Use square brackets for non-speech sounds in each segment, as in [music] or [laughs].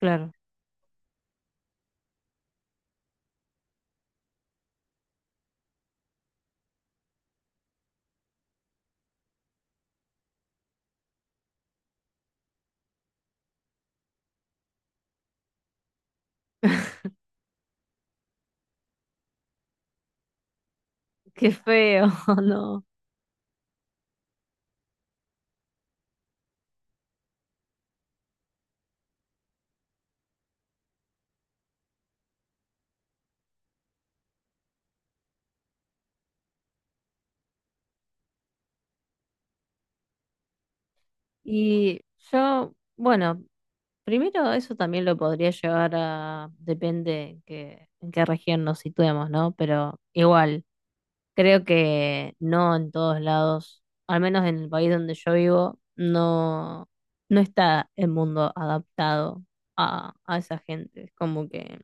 Claro. [laughs] Qué feo, [laughs] ¿no? Y yo, bueno, primero eso también lo podría llevar a, depende que, en qué región nos situemos, ¿no? Pero igual, creo que no en todos lados, al menos en el país donde yo vivo, no, no está el mundo adaptado a esa gente. Es como que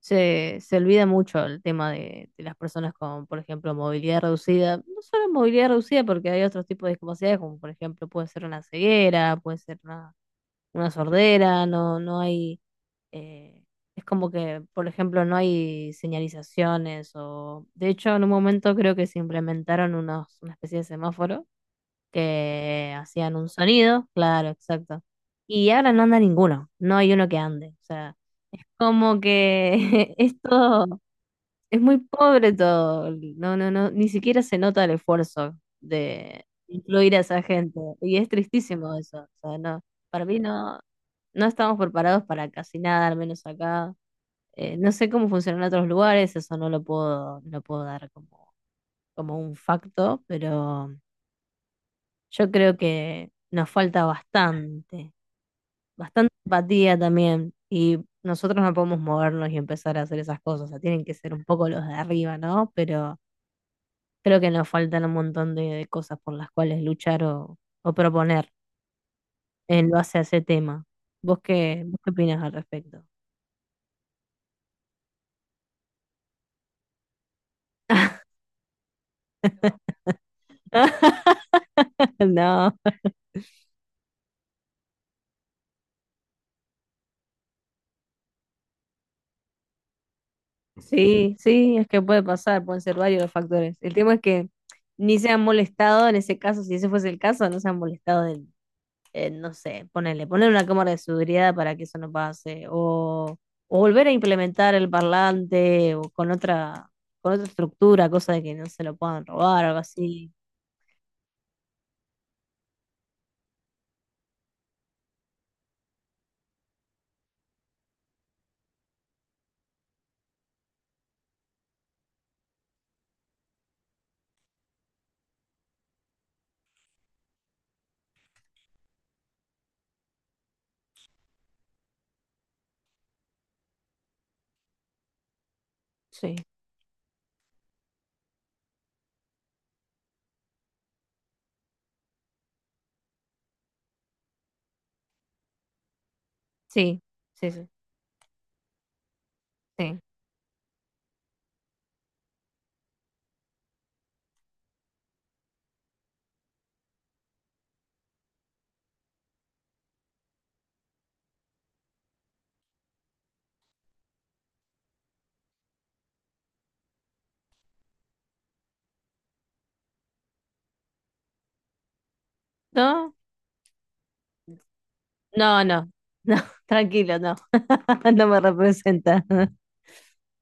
se olvida mucho el tema de las personas con, por ejemplo, movilidad reducida. No solo movilidad reducida, porque hay otros tipos de discapacidades, como por ejemplo puede ser una ceguera, puede ser una sordera, no, eh, es como que, por ejemplo, no hay señalizaciones De hecho, en un momento creo que se implementaron unos, una especie de semáforo que hacían un sonido, claro, exacto. Y ahora no anda ninguno, no hay uno que ande. O sea, como que [laughs] esto es muy pobre todo. No, no, no, ni siquiera se nota el esfuerzo de incluir a esa gente. Y es tristísimo eso. O sea, no, para mí no, no estamos preparados para casi nada, al menos acá. No sé cómo funcionan otros lugares, eso no lo puedo, no lo puedo dar como, como un facto, pero yo creo que nos falta bastante, bastante empatía también. Y nosotros no podemos movernos y empezar a hacer esas cosas. O sea, tienen que ser un poco los de arriba, ¿no? Pero creo que nos faltan un montón de cosas por las cuales luchar o proponer en base a ese tema. ¿Vos qué opinás al respecto? [laughs] No, sí, sí, es que puede pasar, pueden ser varios los factores. El tema es que ni se han molestado en ese caso, si ese fuese el caso, no se han molestado en, no sé, ponerle, poner una cámara de seguridad para que eso no pase, o volver a implementar el parlante o con otra estructura, cosa de que no se lo puedan robar o algo así. Sí. Sí, sí, sí, sí. No, no, no, no, [laughs] tranquilo, no, [laughs] no me representa. [laughs]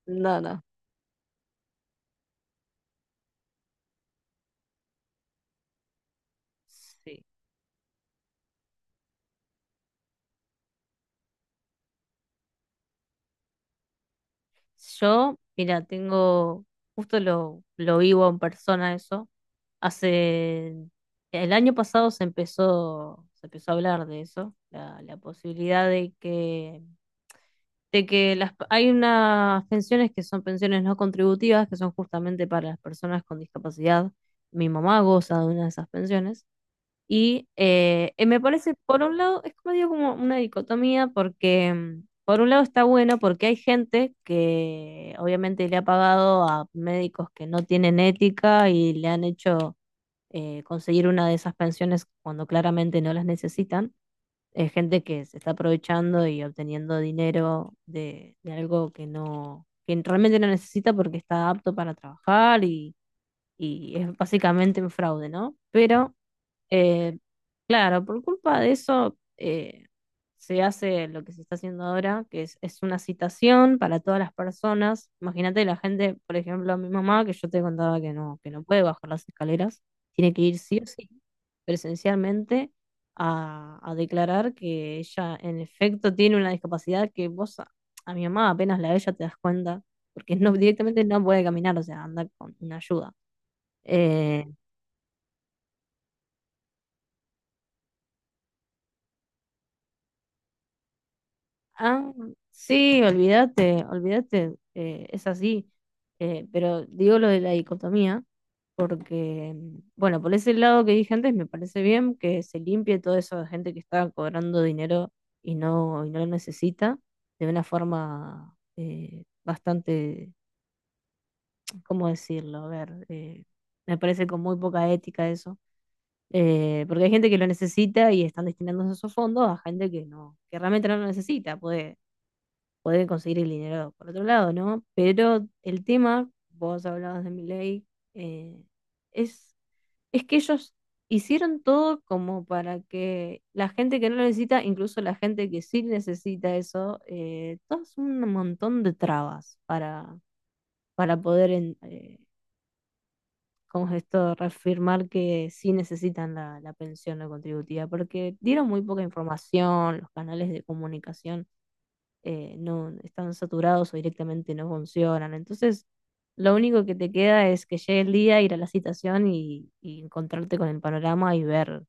No, no. Sí. Yo, mira, tengo, justo lo vivo en persona eso. Hace, el año pasado se empezó a hablar de eso, la posibilidad de que las, hay unas pensiones que son pensiones no contributivas, que son justamente para las personas con discapacidad. Mi mamá goza de una de esas pensiones. Y me parece, por un lado, es como digo, como una dicotomía, porque por un lado está bueno porque hay gente que obviamente le ha pagado a médicos que no tienen ética y le han hecho conseguir una de esas pensiones cuando claramente no las necesitan. Es gente que se está aprovechando y obteniendo dinero de algo que no, que realmente no necesita porque está apto para trabajar y es básicamente un fraude, ¿no? Pero eh, claro, por culpa de eso se hace lo que se está haciendo ahora, que es una citación para todas las personas. Imagínate la gente, por ejemplo, mi mamá, que yo te contaba que no puede bajar las escaleras, tiene que ir sí o sí presencialmente a declarar que ella en efecto tiene una discapacidad que vos a mi mamá apenas la ves ya te das cuenta, porque no, directamente no puede caminar, o sea, anda con una ayuda. Eh, Ah, sí, olvídate, olvídate, es así. Pero digo lo de la dicotomía, porque, bueno, por ese lado que dije antes, me parece bien que se limpie toda esa gente que está cobrando dinero y no lo necesita de una forma bastante, [tsk] ¿cómo decirlo? A ver, me parece con muy poca ética eso. Porque hay gente que lo necesita y están destinando esos fondos a gente que no, que realmente no lo necesita, poder conseguir el dinero por otro lado, ¿no? Pero el tema, vos hablabas de Milei, eh, es, es que ellos hicieron todo como para que la gente que no lo necesita, incluso la gente que sí necesita eso, todo es un montón de trabas para poder, ¿cómo es esto? Reafirmar que sí necesitan la pensión no contributiva, porque dieron muy poca información, los canales de comunicación no están saturados o directamente no funcionan. Entonces, lo único que te queda es que llegue el día, ir a la citación y encontrarte con el panorama y ver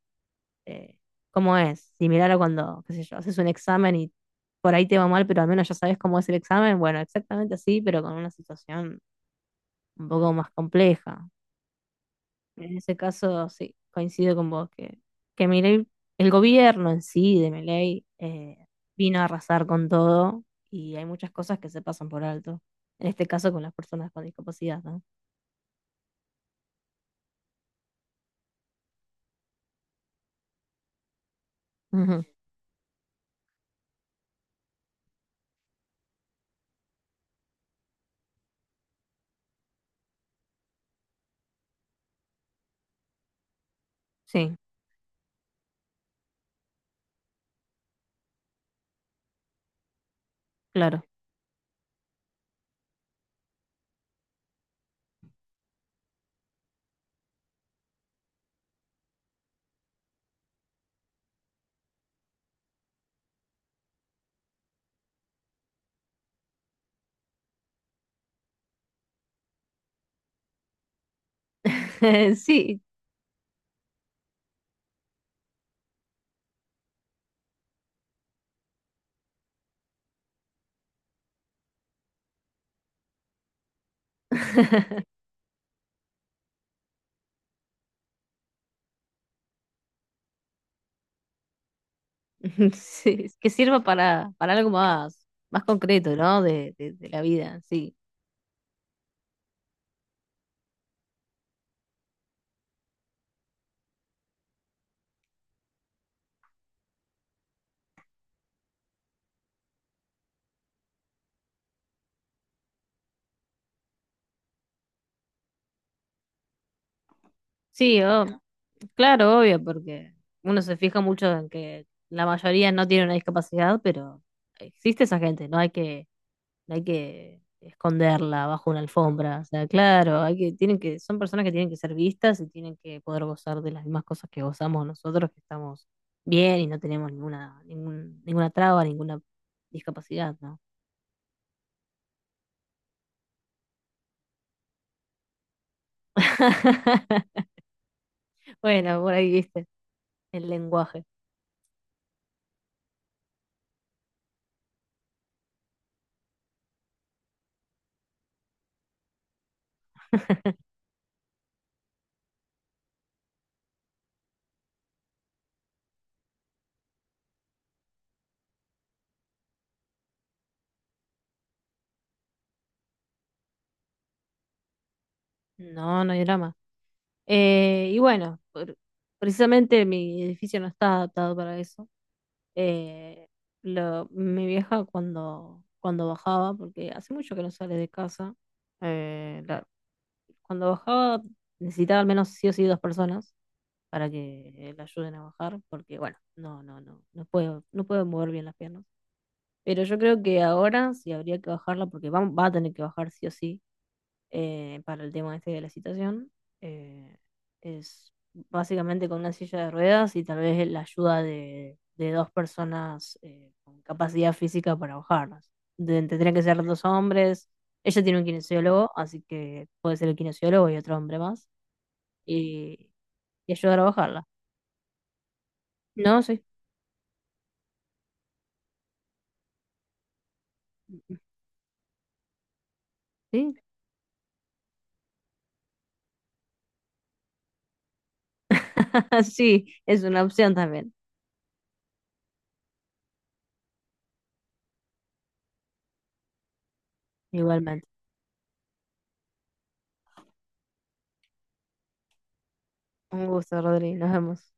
eh, cómo es. Similar a cuando, qué sé yo, haces un examen y por ahí te va mal, pero al menos ya sabes cómo es el examen. Bueno, exactamente así, pero con una situación un poco más compleja. En ese caso, sí, coincido con vos que Milei, el gobierno en sí de Milei vino a arrasar con todo y hay muchas cosas que se pasan por alto. En este caso con las personas con discapacidad, ¿no? Ujú, sí, claro. [laughs] Sí, [laughs] sí, que sirva para algo más, más concreto, ¿no? De la vida, sí. Sí, claro, obvio, porque uno se fija mucho en que la mayoría no tiene una discapacidad, pero existe esa gente, no hay que hay que esconderla bajo una alfombra. O sea, claro, hay que, tienen que, son personas que tienen que ser vistas y tienen que poder gozar de las mismas cosas que gozamos nosotros, que estamos bien y no tenemos ninguna, ningún, ninguna traba, ninguna discapacidad, ¿no? [laughs] Bueno, por ahí viste el lenguaje. No, no hay drama. Y bueno, precisamente mi edificio no está adaptado para eso. Eh, Mi vieja cuando, cuando bajaba, porque hace mucho que no sale de casa, eh, la- cuando bajaba necesitaba al menos sí o sí dos personas para que la ayuden a bajar, porque bueno, no, no, no, no puedo, no puedo mover bien las piernas. Pero yo creo que ahora sí habría que bajarla porque va, va a tener que bajar sí o sí para el tema este de la citación. eh, es básicamente con una silla de ruedas y tal vez la ayuda de dos personas con capacidad física para bajarlas. Tendrían que ser dos hombres. Ella tiene un kinesiólogo, así que puede ser el kinesiólogo y otro hombre más y, y ayudar a bajarla. No, sí. Sí, [laughs] sí, es una opción también. Igualmente. Un gusto, Rodri. Nos vemos.